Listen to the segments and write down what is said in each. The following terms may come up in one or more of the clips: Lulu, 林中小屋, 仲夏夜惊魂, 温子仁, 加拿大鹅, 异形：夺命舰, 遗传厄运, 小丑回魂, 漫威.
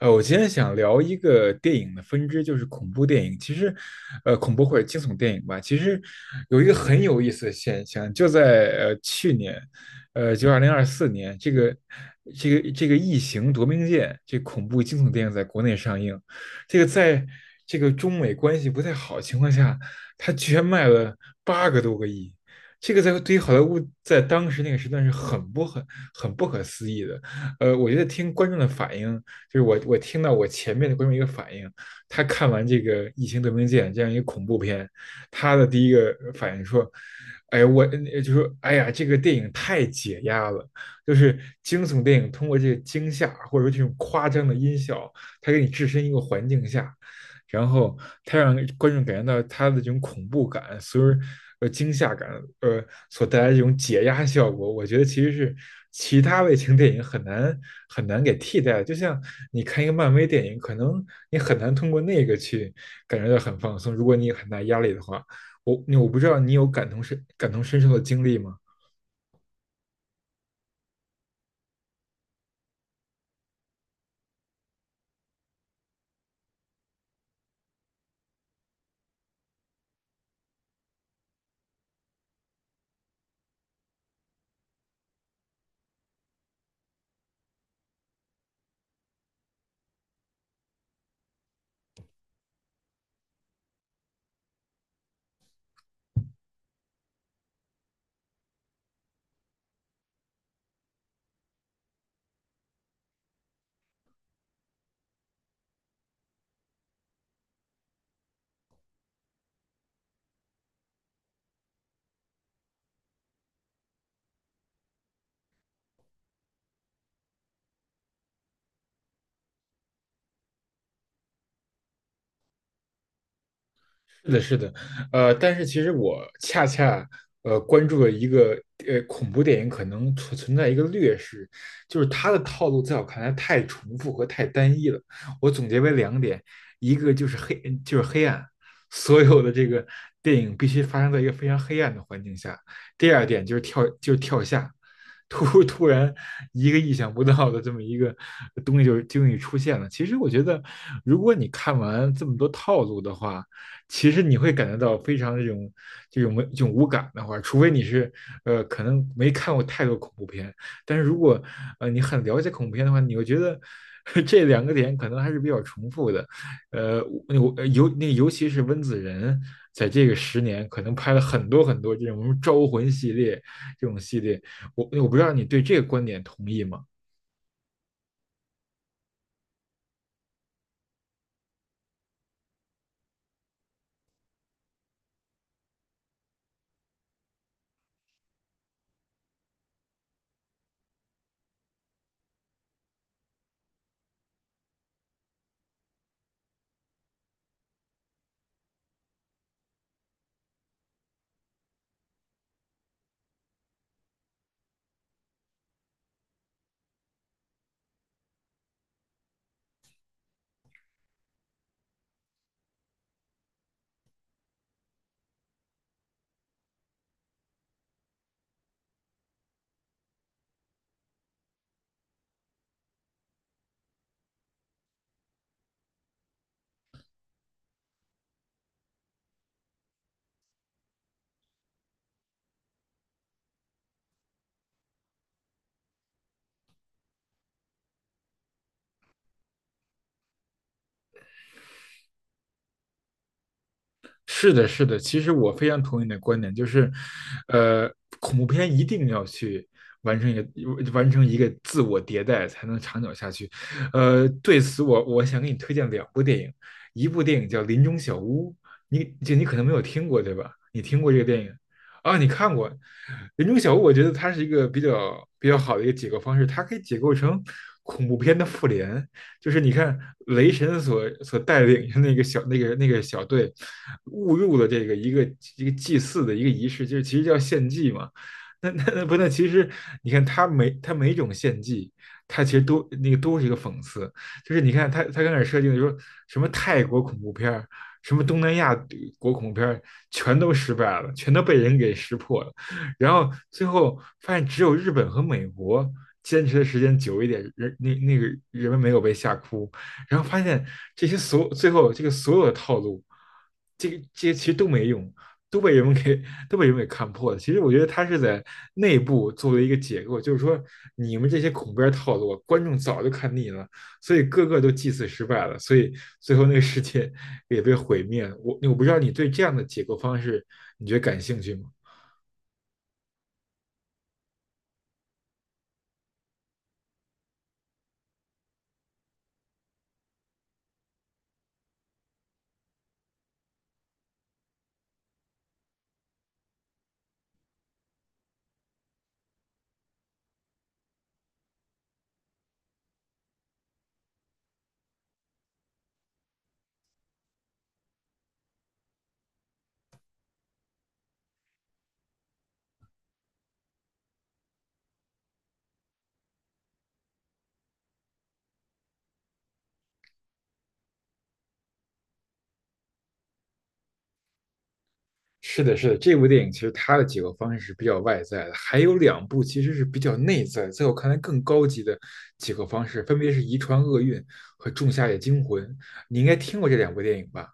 我今天想聊一个电影的分支，就是恐怖电影。其实，恐怖或者惊悚电影吧，其实有一个很有意思的现象，就在去年，就2024年，这个《异形：夺命舰》这恐怖惊悚电影在国内上映，这个在这个中美关系不太好的情况下，它居然卖了八个多个亿。这个在对于好莱坞在当时那个时段是很不可思议的，我觉得听观众的反应，就是我听到我前面的观众一个反应，他看完这个《异形：夺命舰》这样一个恐怖片，他的第一个反应说："哎，我就说哎呀，这个电影太解压了，就是惊悚电影通过这个惊吓或者说这种夸张的音效，它给你置身一个环境下，然后它让观众感觉到它的这种恐怖感，所以惊吓感，呃所带来这种解压效果，我觉得其实是其他类型电影很难很难给替代的，就像你看一个漫威电影，可能你很难通过那个去感觉到很放松，如果你有很大压力的话。我不知道你有感同身受的经历吗？是的，是的，但是其实我恰恰关注了一个恐怖电影可能存在一个劣势，就是它的套路在我看来太重复和太单一了。我总结为两点，一个就是黑，就是黑暗，所有的这个电影必须发生在一个非常黑暗的环境下；第二点就是跳，就是跳下，突然一个意想不到的这么一个东西出现了。其实我觉得，如果你看完这么多套路的话，其实你会感觉到非常这种这种无感的话，除非你是可能没看过太多恐怖片，但是如果你很了解恐怖片的话，你会觉得 这两个点可能还是比较重复的，呃，我尤其是温子仁在这个十年可能拍了很多很多这种招魂系列这种系列，我不知道你对这个观点同意吗？是的，是的，其实我非常同意你的观点，就是，呃，恐怖片一定要去完成一个自我迭代，才能长久下去。对此我想给你推荐两部电影，一部电影叫《林中小屋》，你可能没有听过，对吧？你听过这个电影啊？你看过《林中小屋》？我觉得它是一个比较好的一个解构方式，它可以解构成恐怖片的复联，就是你看雷神所带领的那个小那个那个小队，误入了一个祭祀的一个仪式，就是其实叫献祭嘛。那那那不那其实你看他每种献祭，他其实都是一个讽刺，就是你看他刚开始设定的说什么泰国恐怖片儿，什么东南亚国恐怖片儿，全都失败了，全都被人给识破了。然后最后发现只有日本和美国坚持的时间久一点，人人们没有被吓哭，然后发现这些所最后这个所有的套路，这些其实都没用，都被人们给都被人们给看破了。其实我觉得他是在内部做了一个解构，就是说你们这些恐怖片套路，观众早就看腻了，所以个个都祭祀失败了，所以最后那个世界也被毁灭了。我不知道你对这样的解构方式，你觉得感兴趣吗？是的，是的，这部电影其实它的几个方式是比较外在的，还有两部其实是比较内在，在我看来更高级的几个方式，分别是《遗传厄运》和《仲夏夜惊魂》。你应该听过这两部电影吧？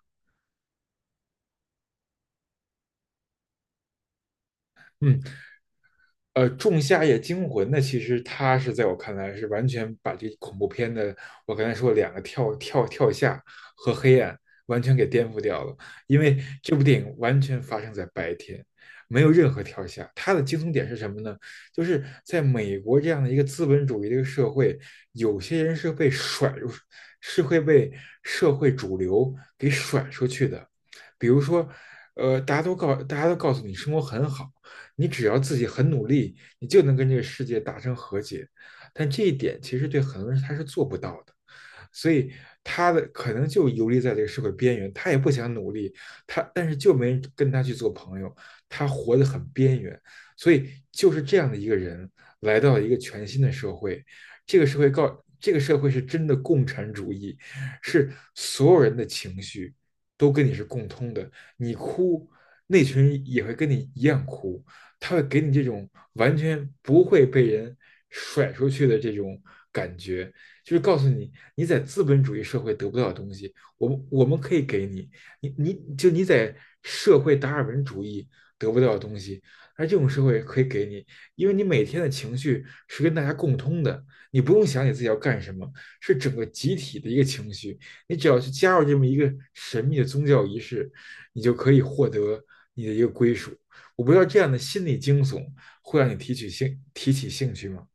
嗯，仲夏夜惊魂》呢，其实它是在我看来是完全把这恐怖片的我刚才说两个跳下和黑暗完全给颠覆掉了，因为这部电影完全发生在白天，没有任何跳下。它的惊悚点是什么呢？就是在美国这样的一个资本主义的一个社会，有些人是被甩入，是会被社会主流给甩出去的。比如说，大家都告诉你生活很好。你只要自己很努力，你就能跟这个世界达成和解。但这一点其实对很多人他是做不到的。所以他的可能就游离在这个社会边缘，他也不想努力，他但是就没人跟他去做朋友，他活得很边缘，所以就是这样的一个人来到了一个全新的社会，这个社会告这个社会是真的共产主义，是所有人的情绪都跟你是共通的，你哭，那群人也会跟你一样哭，他会给你这种完全不会被人甩出去的这种感觉，就是告诉你，你在资本主义社会得不到的东西，我们可以给你，你你就你在社会达尔文主义得不到的东西，而这种社会可以给你，因为你每天的情绪是跟大家共通的，你不用想你自己要干什么，是整个集体的一个情绪，你只要去加入这么一个神秘的宗教仪式，你就可以获得你的一个归属。我不知道这样的心理惊悚会让你提起兴趣吗？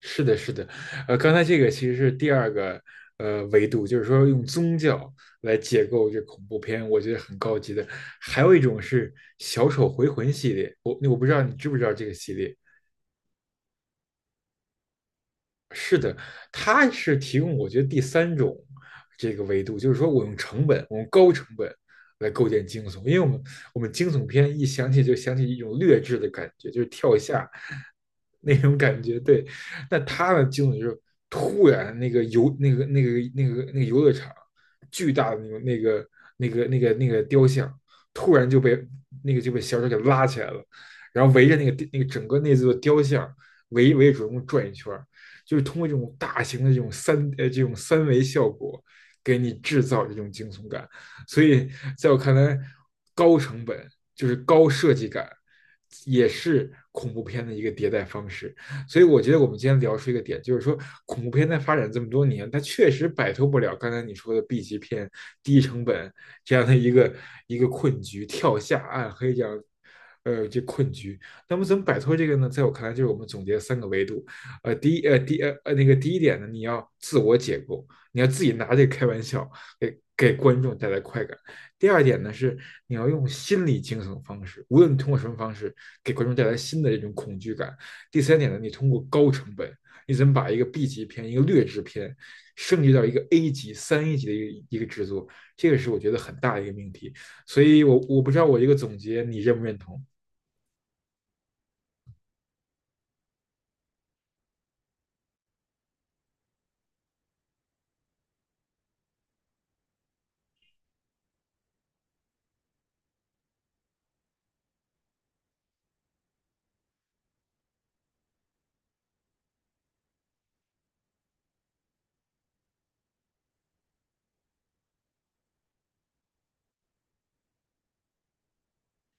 是的，是的，刚才这个其实是第二个维度，就是说用宗教来解构这恐怖片，我觉得很高级的。还有一种是小丑回魂系列，我不知道你知不知道这个系列，是的，它是提供我觉得第三种这个维度，就是说我用成本，我用高成本来构建惊悚，因为我们惊悚片一想起就想起一种劣质的感觉，就是跳下那种感觉。对，那他的惊悚就是突然那个游那个那个那个那个游乐场巨大的那个雕像，突然就被小丑给拉起来了，然后围着整个那座雕像围着主人公转一圈。就是通过这种大型的这种这种三维效果，给你制造这种惊悚感。所以在我看来，高成本就是高设计感，也是恐怖片的一个迭代方式。所以我觉得我们今天聊出一个点，就是说恐怖片在发展这么多年，它确实摆脱不了刚才你说的 B 级片、低成本这样的一个困局，跳下暗黑这样。这困局，那么怎么摆脱这个呢？在我看来，就是我们总结三个维度：呃，第一呃第呃呃那个第一点呢，你要自我解构，你要自己拿这个开玩笑，给观众带来快感。第二点呢是你要用心理惊悚方式，无论通过什么方式，给观众带来新的这种恐惧感。第三点呢，你通过高成本，你怎么把一个 B 级片、一个劣质片升级到一个 A 级、三 A 级的一个制作，这个是我觉得很大的一个命题。所以我不知道我一个总结你认不认同，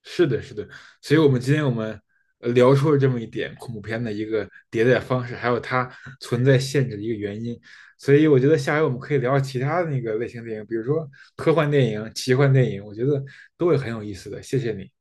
是的，是的，所以我们今天聊出了这么一点恐怖片的一个迭代方式，还有它存在限制的一个原因。所以我觉得下回我们可以聊聊其他的那个类型电影，比如说科幻电影、奇幻电影，我觉得都会很有意思的。谢谢你。